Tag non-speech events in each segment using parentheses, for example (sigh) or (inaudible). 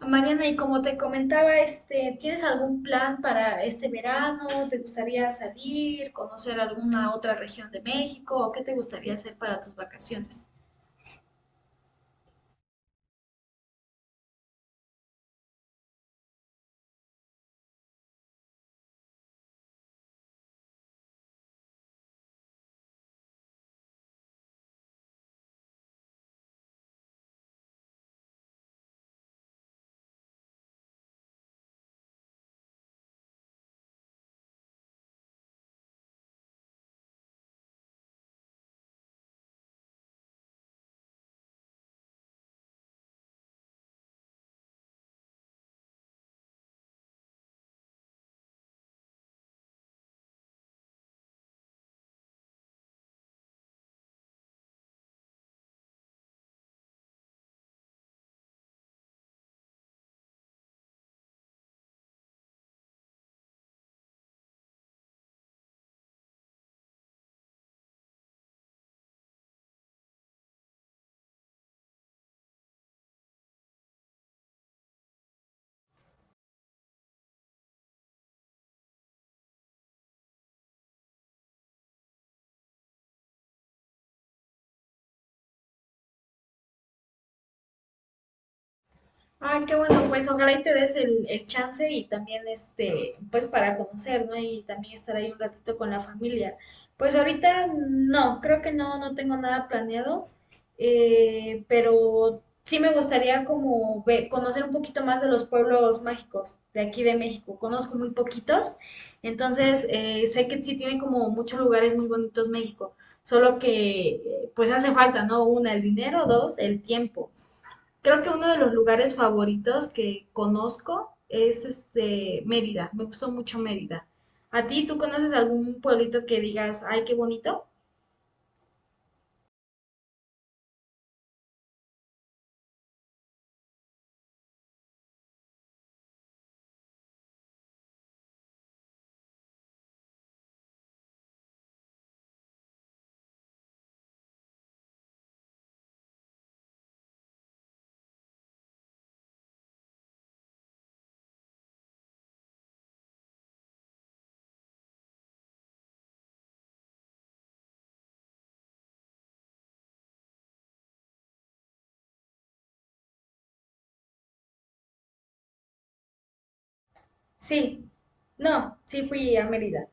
Mariana, y como te comentaba, ¿tienes algún plan para este verano? ¿Te gustaría salir, conocer alguna otra región de México? ¿O qué te gustaría hacer para tus vacaciones? ¡Ay, qué bueno! Pues ojalá y te des el chance y también pues para conocer, ¿no? Y también estar ahí un ratito con la familia. Pues ahorita no, creo que no, no tengo nada planeado, pero sí me gustaría como conocer un poquito más de los pueblos mágicos de aquí de México. Conozco muy poquitos, entonces sé que sí tiene como muchos lugares muy bonitos México, solo que pues hace falta, ¿no? Una, el dinero; dos, el tiempo. Creo que uno de los lugares favoritos que conozco es este Mérida. Me gustó mucho Mérida. ¿A ti tú conoces algún pueblito que digas, ay, qué bonito? Sí. No, sí fui a Mérida.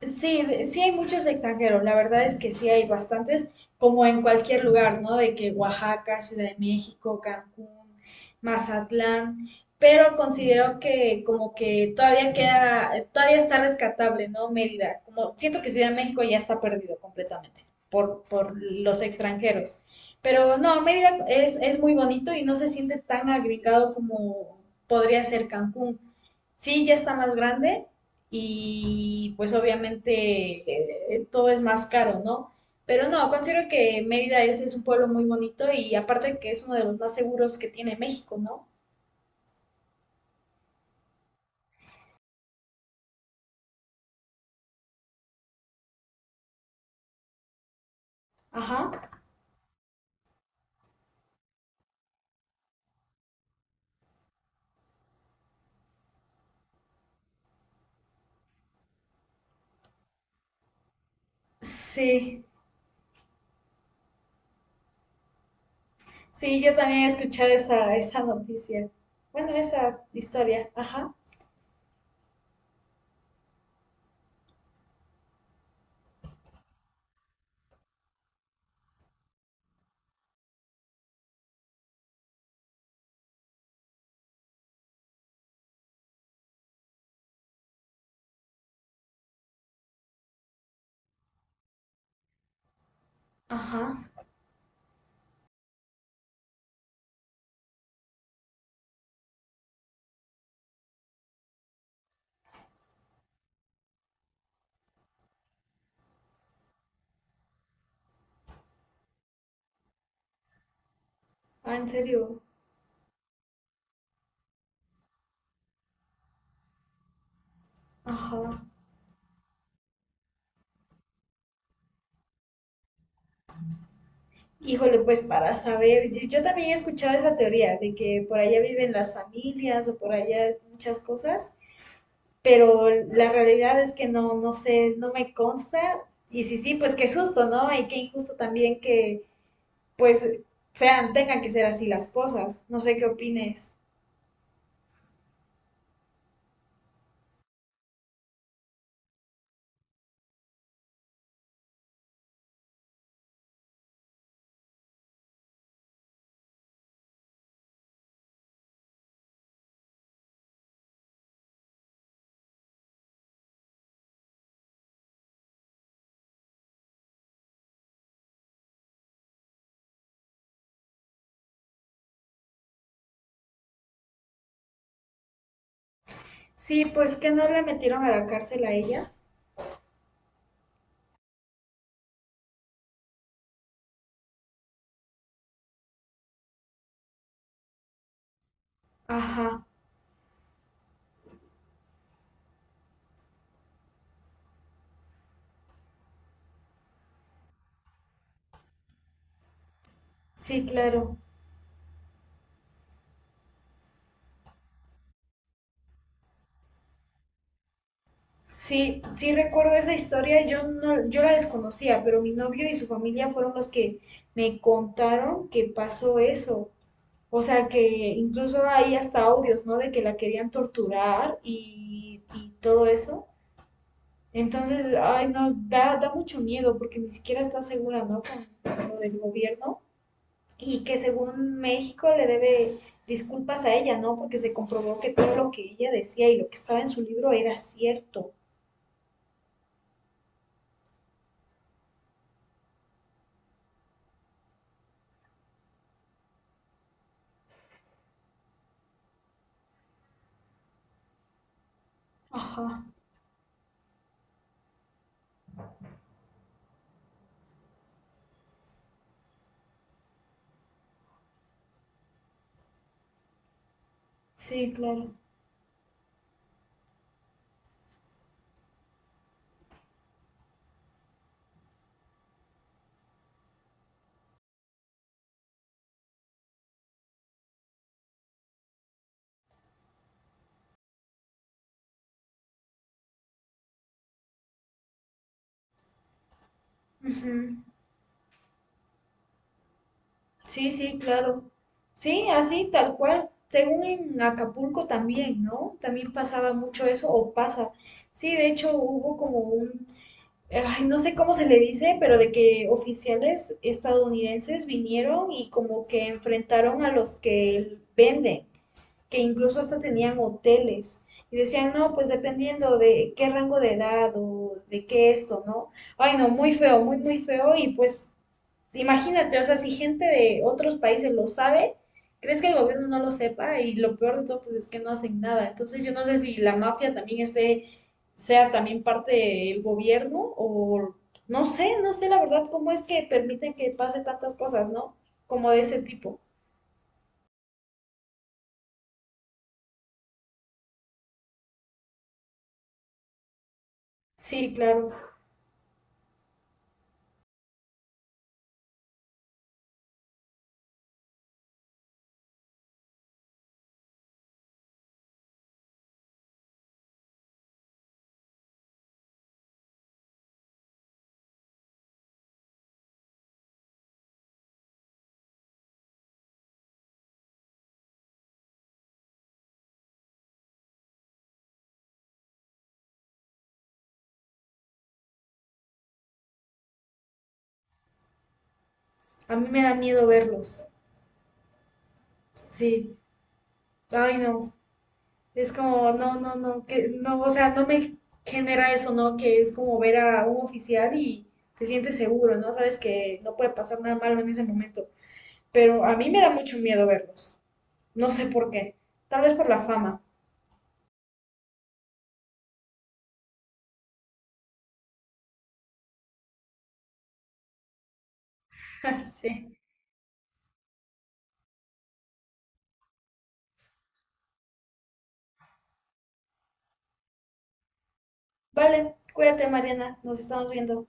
Sí, sí hay muchos extranjeros, la verdad es que sí hay bastantes, como en cualquier lugar, ¿no? De que Oaxaca, Ciudad de México, Cancún, Mazatlán, pero considero que como que todavía queda, todavía está rescatable, ¿no? Mérida, como siento que Ciudad de México ya está perdido completamente por los extranjeros, pero no, Mérida es muy bonito y no se siente tan agregado como podría ser Cancún. Sí, ya está más grande, y pues obviamente todo es más caro, ¿no? Pero no, considero que Mérida es un pueblo muy bonito y aparte que es uno de los más seguros que tiene México, ¿no? Ajá. Sí, sí, yo también he escuchado esa noticia. Bueno, esa historia, ajá. Ajá. Ah, ¿en serio? Ajá. Híjole, pues para saber, y yo también he escuchado esa teoría de que por allá viven las familias o por allá muchas cosas, pero la realidad es que no, no sé, no me consta. Y sí, sí, pues qué susto, ¿no? Y qué injusto también que, pues, sean, tengan que ser así las cosas. No sé qué opines. Sí, pues que no la metieron a la cárcel a ella. Ajá, sí, claro. Sí, sí recuerdo esa historia, yo no, yo la desconocía, pero mi novio y su familia fueron los que me contaron que pasó eso. O sea que incluso hay hasta audios, ¿no? De que la querían torturar y todo eso. Entonces, ay, no, da mucho miedo porque ni siquiera está segura, ¿no? Con lo del gobierno. Y que según México le debe disculpas a ella, ¿no? Porque se comprobó que todo lo que ella decía y lo que estaba en su libro era cierto. Ajá, sí, claro. Ujú. Sí, sí, claro. Sí, así, tal cual. Según en Acapulco también, ¿no? También pasaba mucho eso, o pasa. Sí, de hecho hubo como un, ay, no sé cómo se le dice, pero de que oficiales estadounidenses vinieron y como que enfrentaron a los que venden, que incluso hasta tenían hoteles. Y decían, no, pues dependiendo de qué rango de edad o de qué esto, ¿no? Ay, no, muy feo, muy, muy feo. Y pues, imagínate, o sea, si gente de otros países lo sabe, ¿crees que el gobierno no lo sepa? Y lo peor de todo, pues es que no hacen nada. Entonces, yo no sé si la mafia también esté, sea también parte del gobierno o no sé, no sé la verdad cómo es que permiten que pase tantas cosas, ¿no? Como de ese tipo. Sí, claro. A mí me da miedo verlos. Sí, ay no, es como, no, no, no, que no, o sea, no me genera eso, ¿no? Que es como ver a un oficial y te sientes seguro, ¿no? Sabes que no puede pasar nada malo en ese momento, pero a mí me da mucho miedo verlos, no sé por qué, tal vez por la fama. (laughs) Sí. Vale, cuídate, Mariana, nos estamos viendo.